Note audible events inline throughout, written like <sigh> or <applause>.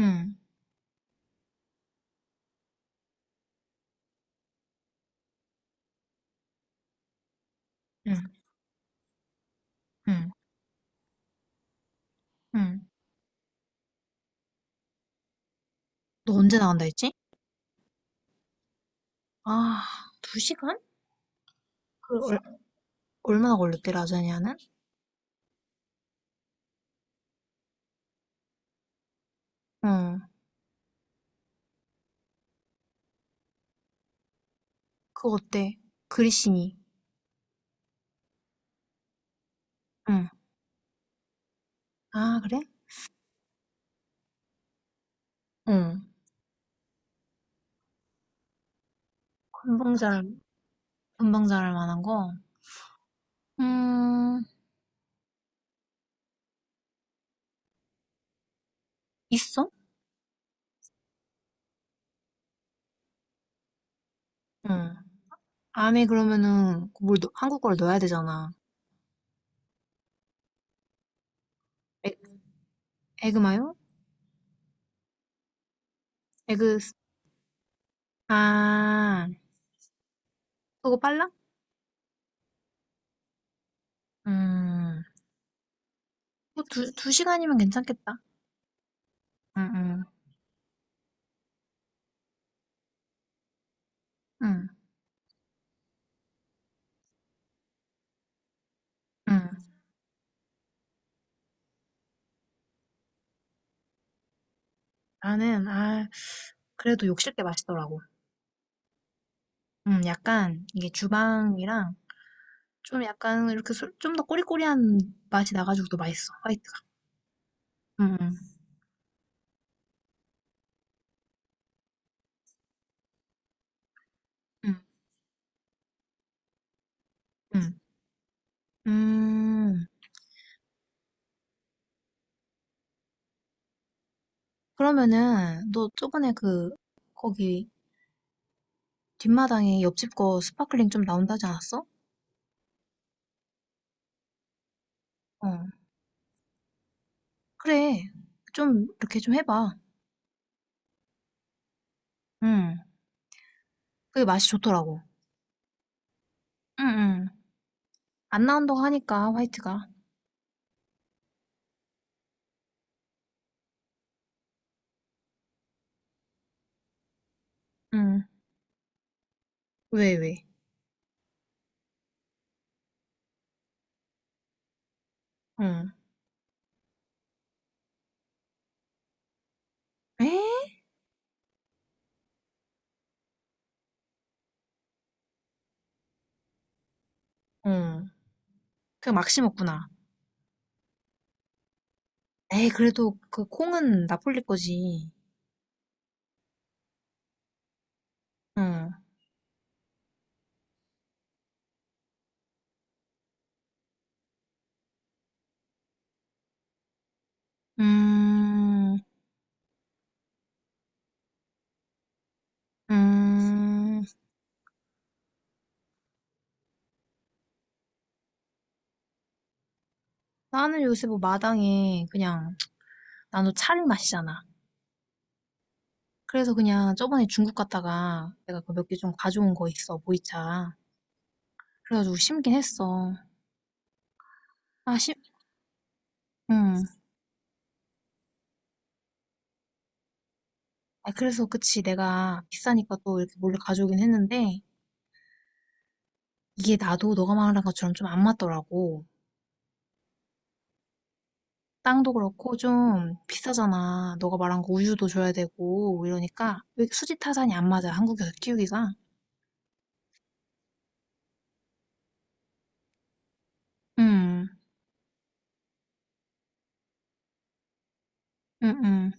응, 응, 응, 응. 너 언제 나간다 했지? 아, 2시간? 그 얼, 얼마나 걸렸대, 라자냐는? 응, 그거 어때? 그리시니. 응. 아, 그래? 응. 금방 잘, 금방 잘할 만한 거? 음, 있어? 응. 안에 그러면은 한국어를 넣어야 되잖아. 에, 에그마요? 에그. 아, 그거 빨라? 음, 뭐 두 시간이면 괜찮겠다. 응, 응, 응, 응. 나는, 그래도 욕실 게 맛있더라고. 약간, 이게 주방이랑, 좀 약간, 이렇게 좀 더 꼬리꼬리한 맛이 나가지고 더 맛있어, 화이트가. 음, 음, 음, 음. 음, 그러면은, 너 저번에 그, 거기, 뒷마당에 옆집 거 스파클링 좀 나온다지 않았어? 어, 그래. 좀, 이렇게 좀 해봐. 음, 그게 맛이 좋더라고. 응, 응. 안 나온다고 하니까, 화이트가. 응. 왜, 왜? 응. 에? 응. 그냥 막시 먹구나. 에이, 그래도 그 콩은 나폴리 거지. 응. 음, 음. 나는 요새 뭐 마당에 그냥, 나도 차를 마시잖아. 그래서 그냥 저번에 중국 갔다가 내가 그 몇 개 좀 가져온 거 있어, 보이차. 그래가지고 심긴 했어. 아, 응. 아, 그래서 그치. 내가 비싸니까 또 이렇게 몰래 가져오긴 했는데, 이게 나도 너가 말한 것처럼 좀 안 맞더라고. 땅도 그렇고 좀 비싸잖아. 너가 말한 거 우유도 줘야 되고 이러니까 왜 수지 타산이 안 맞아. 한국에서 키우기가. 음, 음, 음.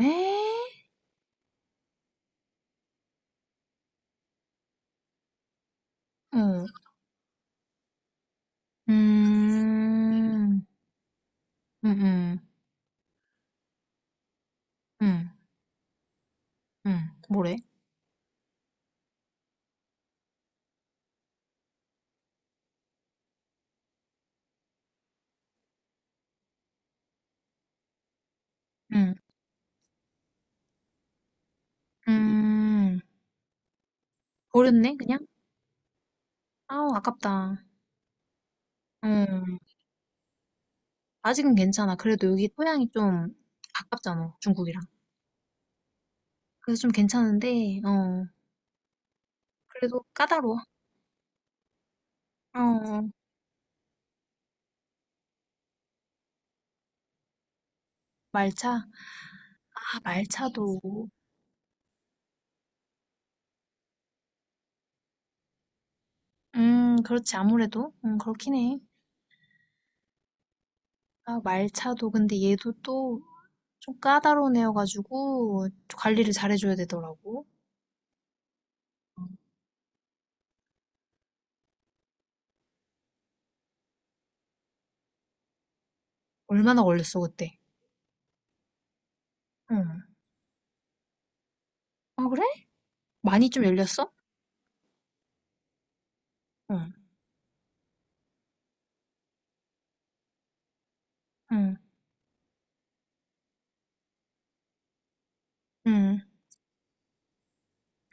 에? 어. 음, 음, 음, 음, 뭐래? 음, 음. 버렸네 그냥? 아우 아깝다. 음. 아직은 괜찮아. 그래도 여기 토양이 좀 가깝잖아. 중국이랑. 그래서 좀 괜찮은데 어. 그래도 까다로워. 어. 말차? 아, 말차도. 그렇지, 아무래도. 그렇긴 해. 아, 말차도, 근데 얘도 또 좀 까다로운 애여가지고 관리를 잘해줘야 되더라고. 얼마나 걸렸어, 그때? 응. 아, 그래? 많이 좀 열렸어? 응, 응, 응,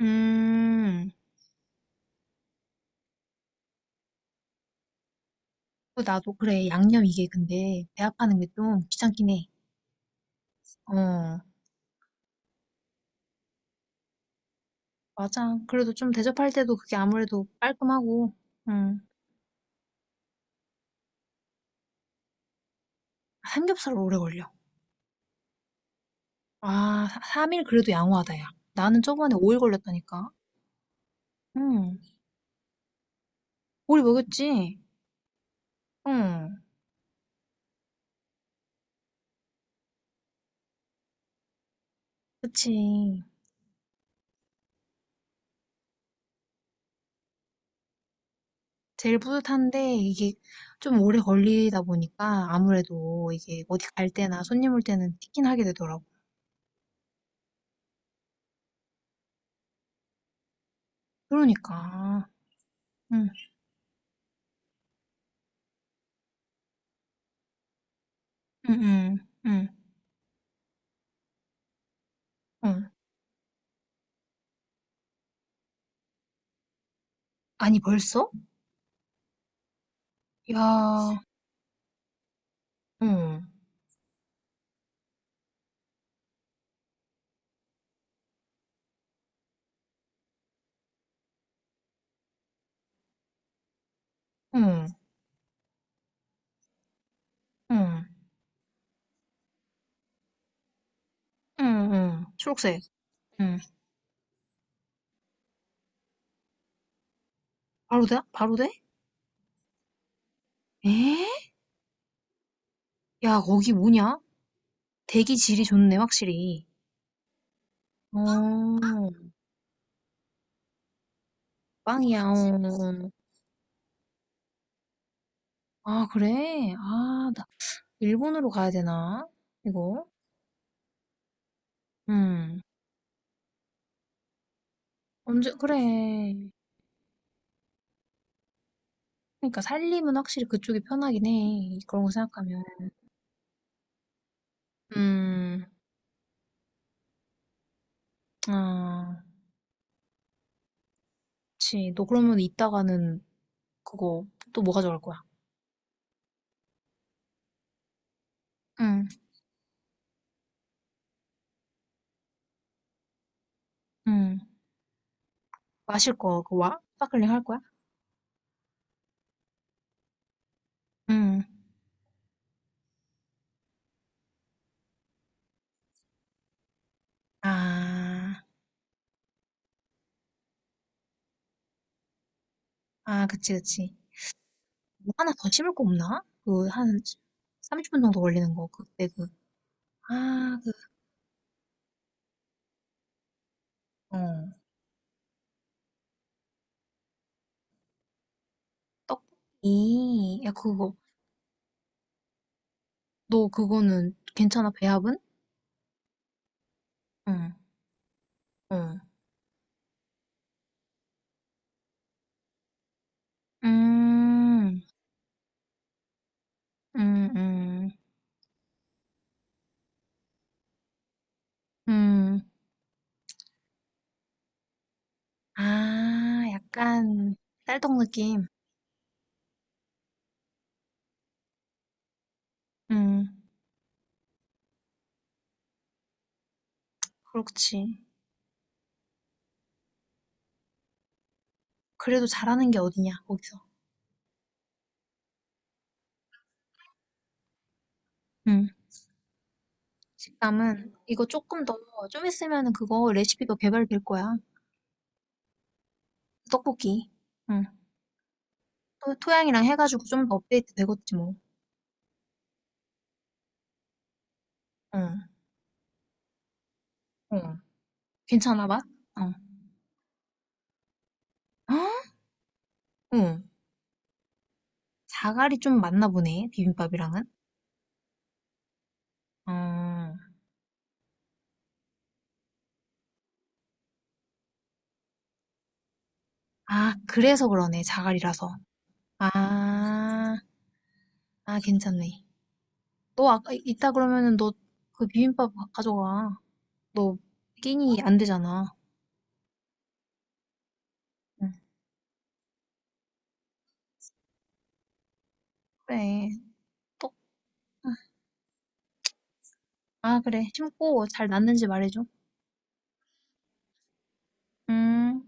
음. 그 나도 그래, 양념 이게 근데 배합하는 게 좀 귀찮긴 해. 어, 맞아. 그래도 좀 대접할 때도 그게 아무래도 깔끔하고, 응. 삼겹살 오래 걸려. 아, 3일 그래도 양호하다, 야. 나는 저번에 5일 걸렸다니까. 응. 오리 먹였지? 응. 그치. 제일 뿌듯한데 이게 좀 오래 걸리다 보니까 아무래도 이게 어디 갈 때나 손님 올 때는 티긴 하게 되더라고. 그러니까. 응, 응, 응, 응, 응. 아니, 벌써? 야, 응, 응, 응, 응, 응. 초록색. 응. 바로 돼? 바로 돼? 에? 야, 거기 뭐냐? 대기 질이 좋네, 확실히. 어, <laughs> 빵이야. 어. 아, 그래? 아, 일본으로 가야 되나? 이거? 음. 언제, 그래. 그러니까 살림은 확실히 그쪽이 편하긴 해. 그런 거 생각하면. 음. 아, 그치. 너 그러면 이따가는 그거 또 뭐 가져갈 거야? 응, 응. 마실 거, 그 와? 스파클링 할 거야? 응. 아, 아, 그치, 그치. 뭐 하나 더 심을 거 없나? 그, 한 30분 정도 걸리는 거, 그때 그. 아, 그, 어. 떡볶이. 야, 그거. 너 그거는 괜찮아, 배합은? 응, 응. 음, 음, 음, 음. 아, 약간 쌀떡 느낌. 음, 그렇지. 그래도 잘하는 게 어디냐, 거기서. 음. 식감은 이거 조금 더, 좀 있으면은 그거 레시피도 개발될 거야. 떡볶이. 응. 또 토양이랑 해가지고 좀 더 업데이트 되겠지 뭐. 응, 응. 괜찮아, 봐 어. 헉? 응. 자갈이 좀 맞나 보네, 비빔밥이랑은. 어. 아, 그래서 그러네, 자갈이라서. 아, 아, 괜찮네. 너 아까 있다 그러면은 너 그 비빔밥 져가 너 끼니 안 되잖아. 응. 그래. 또, 아, 그래. 심고 잘 났는지 말해줘. 음.